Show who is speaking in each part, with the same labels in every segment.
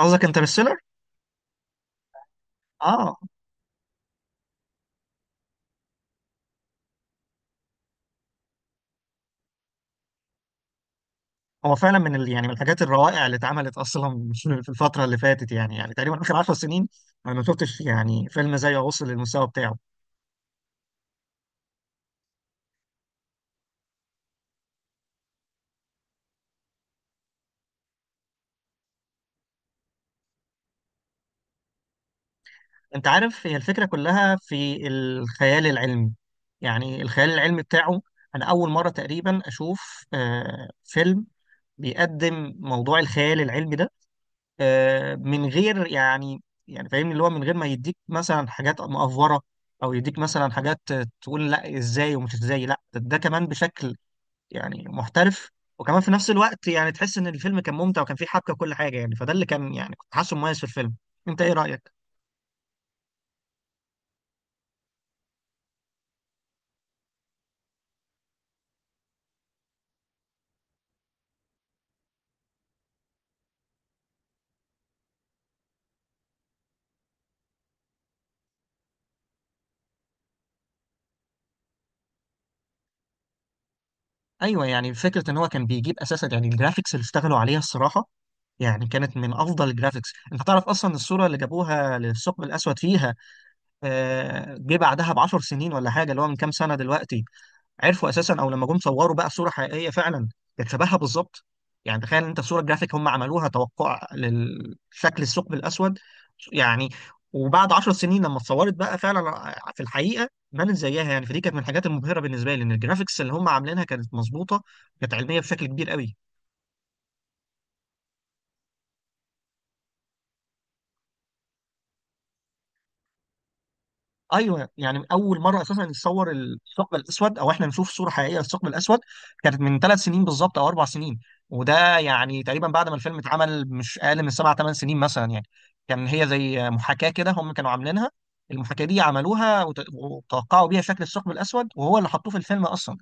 Speaker 1: قصدك انترستيلر؟ اه هو فعلا يعني من الحاجات الروائع اللي اتعملت اصلا في الفتره اللي فاتت، يعني تقريبا اخر 10 سنين. انا ما شفتش يعني فيلم زيه وصل للمستوى بتاعه. انت عارف هي الفكره كلها في الخيال العلمي، يعني الخيال العلمي بتاعه. انا اول مره تقريبا اشوف فيلم بيقدم موضوع الخيال العلمي ده، من غير يعني، يعني فاهمني اللي هو من غير ما يديك مثلا حاجات مأفورة، او يديك مثلا حاجات، تقول لا ازاي ومش ازاي، لا ده كمان بشكل يعني محترف. وكمان في نفس الوقت يعني تحس ان الفيلم كان ممتع وكان فيه حبكة وكل حاجة، يعني فده اللي كان يعني كنت حاسه مميز في الفيلم. انت ايه رأيك؟ ايوه يعني فكرة ان هو كان بيجيب اساسا يعني الجرافيكس اللي اشتغلوا عليها الصراحة يعني كانت من افضل الجرافيكس. انت تعرف اصلا الصورة اللي جابوها للثقب الاسود فيها، جه بعدها ب 10 سنين ولا حاجة، اللي هو من كام سنة دلوقتي عرفوا اساسا، او لما جم صوروا بقى في صوره حقيقيه فعلا كانت شبهها بالظبط. يعني تخيل انت في صوره جرافيك هم عملوها توقع لشكل الثقب الاسود يعني، وبعد 10 سنين لما اتصورت بقى فعلا في الحقيقه بانت زيها. يعني فدي كانت من الحاجات المبهره بالنسبه لي، ان الجرافيكس اللي هم عاملينها كانت مظبوطه، كانت علميه بشكل كبير قوي. ايوه يعني اول مره اساسا يتصور الثقب الاسود، او احنا نشوف صوره حقيقيه للثقب الاسود كانت من ثلاث سنين بالظبط او اربع سنين، وده يعني تقريبا بعد ما الفيلم اتعمل مش اقل من سبع ثمان سنين مثلا يعني. كان هي زي محاكاه كده هم كانوا عاملينها، المحاكاه دي عملوها وتوقعوا بيها شكل الثقب الاسود، وهو اللي حطوه في الفيلم اصلا.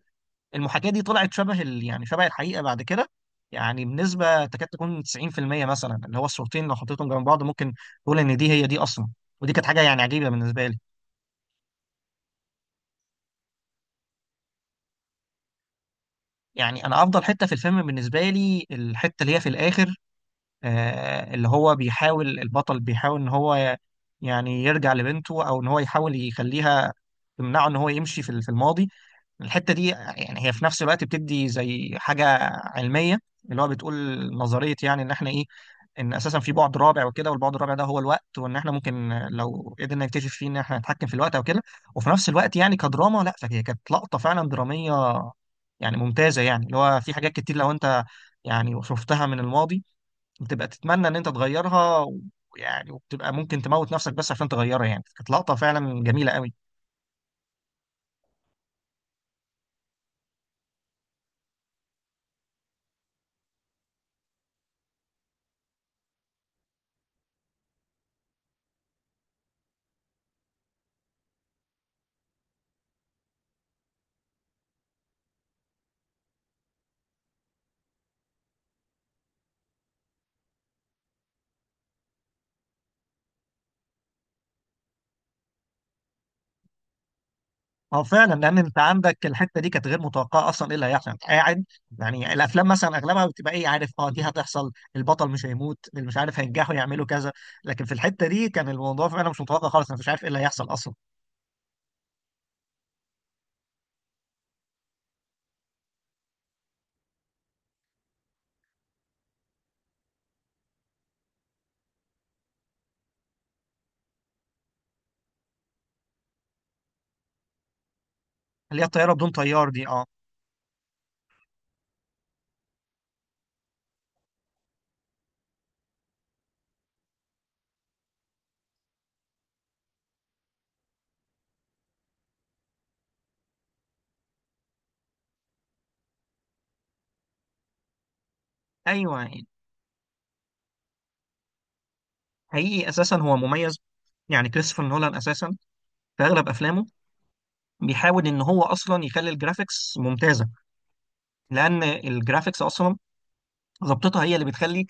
Speaker 1: المحاكاه دي طلعت يعني شبه الحقيقه بعد كده، يعني بنسبه تكاد تكون 90% مثلا، اللي هو الصورتين لو حطيتهم جنب بعض ممكن تقول ان دي هي دي اصلا. ودي كانت حاجه يعني عجيبه بالنسبه لي. يعني انا افضل حته في الفيلم بالنسبه لي الحته اللي هي في الاخر، اللي هو بيحاول البطل بيحاول ان هو يعني يرجع لبنته، او ان هو يحاول يخليها تمنعه ان هو يمشي في الماضي. الحته دي يعني هي في نفس الوقت بتدي زي حاجه علميه، اللي هو بتقول نظريه، يعني ان احنا ايه، ان اساسا في بعد رابع وكده، والبعد الرابع ده هو الوقت، وان احنا ممكن لو قدرنا نكتشف فيه ان احنا نتحكم في الوقت او كده. وفي نفس الوقت يعني كدراما لا، فهي كانت لقطه فعلا دراميه يعني ممتازه. يعني اللي هو في حاجات كتير لو انت يعني شفتها من الماضي بتبقى تتمنى ان انت تغيرها، ويعني وبتبقى ممكن تموت نفسك بس عشان تغيرها، يعني كانت لقطه فعلا جميله قوي. اه فعلا، لان انت عندك الحته دي كانت غير متوقعه اصلا، ايه اللي هيحصل انت قاعد. يعني الافلام مثلا اغلبها بتبقى ايه عارف، اه دي هتحصل، البطل مش هيموت، اللي مش عارف هينجحوا يعملوا كذا، لكن في الحته دي كان الموضوع فعلا مش متوقع خالص، انا مش عارف ايه اللي هيحصل اصلا. اللي هي الطياره بدون طيار دي اه. ايوه يعني حقيقي اساسا هو مميز، يعني كريستوفر نولان اساسا في اغلب افلامه بيحاول ان هو اصلا يخلي الجرافيكس ممتازه، لان الجرافيكس اصلا ظبطتها هي اللي بتخلي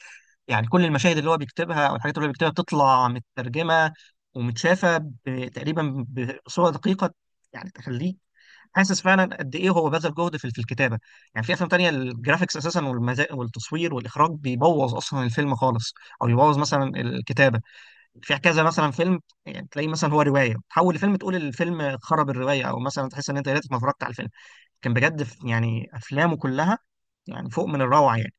Speaker 1: يعني كل المشاهد اللي هو بيكتبها او الحاجات اللي هو بيكتبها بتطلع مترجمه ومتشافه تقريبا بصوره دقيقه، يعني تخليك حاسس فعلا قد ايه هو بذل جهد في الكتابه. يعني في افلام تانية الجرافيكس اساسا والتصوير والاخراج بيبوظ اصلا الفيلم خالص، او يبوظ مثلا الكتابه في كذا مثلا فيلم. يعني تلاقيه مثلا هو روايه تحول لفيلم تقول الفيلم خرب الروايه، او مثلا تحس ان انت يا ريتك ما اتفرجت على الفيلم. كان بجد يعني افلامه كلها يعني فوق من الروعه يعني.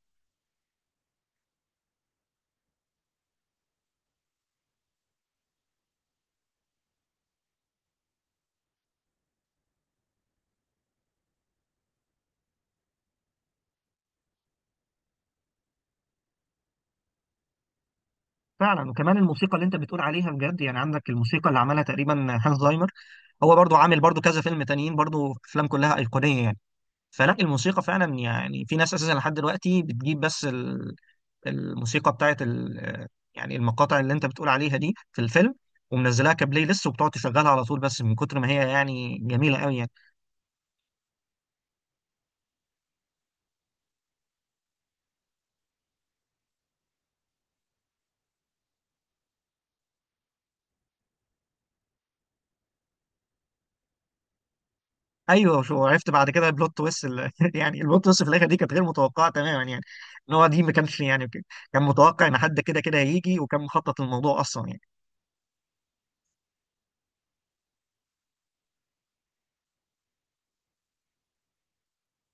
Speaker 1: فعلا، وكمان الموسيقى اللي انت بتقول عليها بجد، يعني عندك الموسيقى اللي عملها تقريبا هانس زايمر، هو برضو عامل برضو كذا فيلم تانيين، برضو افلام كلها ايقونيه يعني. فلا الموسيقى فعلا، يعني في ناس اساسا لحد دلوقتي بتجيب بس الموسيقى يعني المقاطع اللي انت بتقول عليها دي في الفيلم، ومنزلاها كبلاي ليست وبتقعد تشغلها على طول، بس من كتر ما هي يعني جميله قوي يعني. ايوه شو عرفت بعد كده البلوت تويست يعني البلوت تويست في الاخر دي كانت غير متوقعه تماما يعني. ان هو دي ما كانش يعني كان متوقع ان حد كده كده هيجي، وكان مخطط الموضوع اصلا يعني.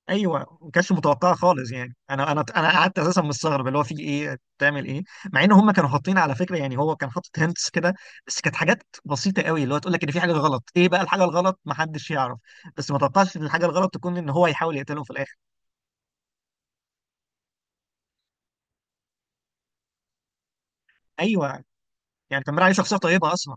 Speaker 1: ايوه ما كانش متوقعه خالص يعني، انا قعدت اساسا مستغرب اللي هو في ايه، بتعمل ايه. مع ان هم كانوا حاطين على فكره، يعني هو كان حاطط هنتس كده، بس كانت حاجات بسيطه قوي اللي هو تقول لك ان في حاجه غلط، ايه بقى الحاجه الغلط ما حدش يعرف، بس ما توقعش ان الحاجه الغلط تكون ان هو يحاول يقتلهم في الاخر. ايوه يعني كان بيلعب عليه شخصيه طيبه اصلا.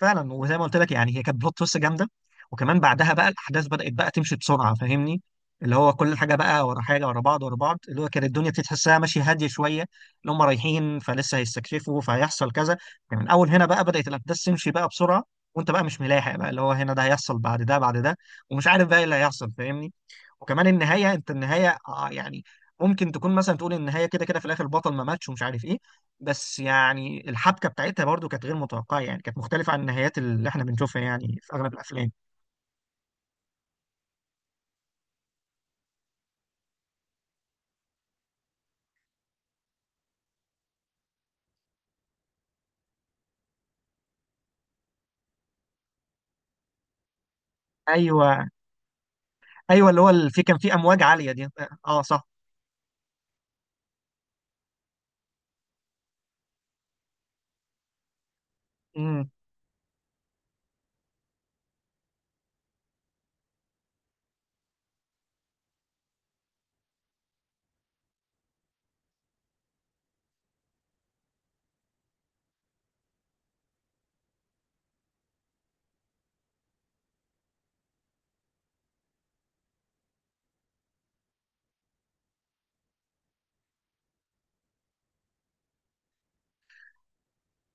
Speaker 1: فعلا وزي ما قلت لك يعني هي كانت بلوت تويست جامده، وكمان بعدها بقى الاحداث بدات بقى تمشي بسرعه فاهمني، اللي هو كل حاجه بقى ورا حاجه، ورا بعض ورا بعض، اللي هو كانت الدنيا بتتحسها ماشيه هاديه شويه، اللي هم رايحين فلسه هيستكشفوا فهيحصل كذا. يعني من اول هنا بقى بدات الاحداث تمشي بقى بسرعه، وانت بقى مش ملاحق بقى اللي هو هنا ده هيحصل بعد ده بعد ده، ومش عارف بقى ايه اللي هيحصل فاهمني. وكمان النهايه، انت النهايه يعني ممكن تكون مثلا تقول النهايه كده كده في الاخر البطل ما ماتش ومش عارف ايه، بس يعني الحبكه بتاعتها برضو كانت غير متوقعه، يعني كانت مختلفه عن النهايات اللي احنا بنشوفها يعني في اغلب الافلام. ايوه، ايوه، في كان في امواج عاليه دي، اه، صح. مم.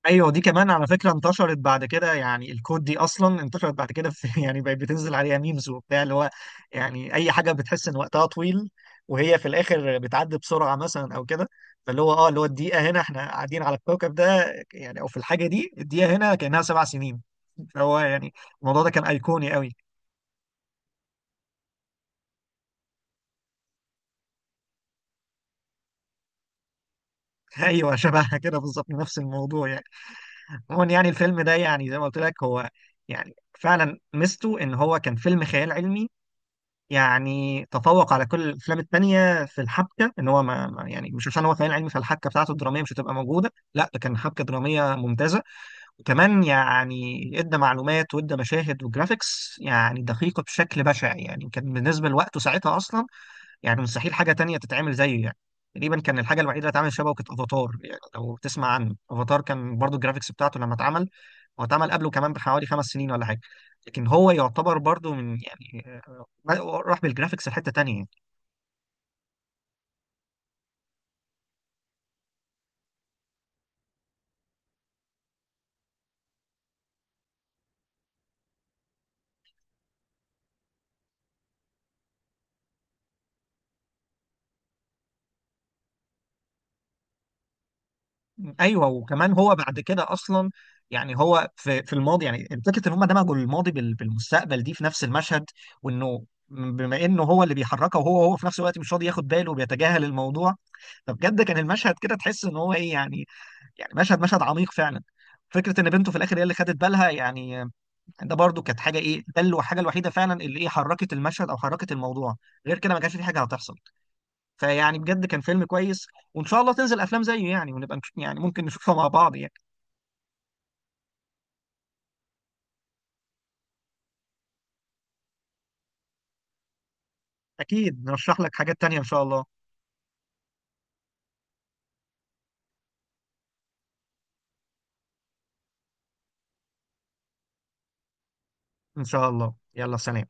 Speaker 1: ايوه دي كمان على فكره انتشرت بعد كده، يعني الكود دي اصلا انتشرت بعد كده في يعني بقت بتنزل عليها ميمز وبتاع، اللي هو يعني اي حاجه بتحس ان وقتها طويل وهي في الاخر بتعدي بسرعه مثلا او كده. فاللي هو اه اللي هو الدقيقه هنا احنا قاعدين على الكوكب ده يعني، او في الحاجه دي الدقيقه هنا كانها سبع سنين. فهو يعني الموضوع ده كان ايقوني قوي. ايوه شبهها كده بالظبط نفس الموضوع يعني. عموما يعني الفيلم ده يعني زي ما قلت لك هو يعني فعلا ميزته ان هو كان فيلم خيال علمي، يعني تفوق على كل الافلام التانية في الحبكه، ان هو يعني مش عشان هو خيال علمي فالحبكه بتاعته الدراميه مش هتبقى موجوده، لا ده كان حبكه دراميه ممتازه. وكمان يعني ادى معلومات وادى مشاهد وجرافيكس يعني دقيقه بشكل بشع يعني، كان بالنسبه لوقته ساعتها اصلا يعني مستحيل حاجه تانية تتعمل زيه يعني. تقريبا كان الحاجه الوحيده اللي اتعمل شبهه كانت افاتار، يعني لو تسمع عنه افاتار كان برضو الجرافيكس بتاعته لما اتعمل، هو اتعمل قبله كمان بحوالي خمس سنين ولا حاجه، لكن هو يعتبر برضو من يعني راح بالجرافيكس لحته تانية يعني. ايوه، وكمان هو بعد كده اصلا يعني هو في الماضي، يعني فكره ان هم دمجوا الماضي بالمستقبل دي في نفس المشهد، وانه بما انه هو اللي بيحركه، وهو هو في نفس الوقت مش راضي ياخد باله وبيتجاهل الموضوع، فبجد كان المشهد كده تحس ان هو ايه يعني، يعني مشهد عميق فعلا. فكره ان بنته في الاخر هي اللي خدت بالها يعني، ده برضو كانت حاجه ايه، الحاجه الوحيده فعلا اللي ايه حركت المشهد او حركت الموضوع، غير كده ما كانش في حاجه هتحصل. فيعني بجد كان فيلم كويس، وان شاء الله تنزل افلام زيه يعني، ونبقى يعني ممكن نشوفها مع بعض يعني. اكيد نرشح لك حاجات تانية ان شاء الله. ان شاء الله، يلا سلام.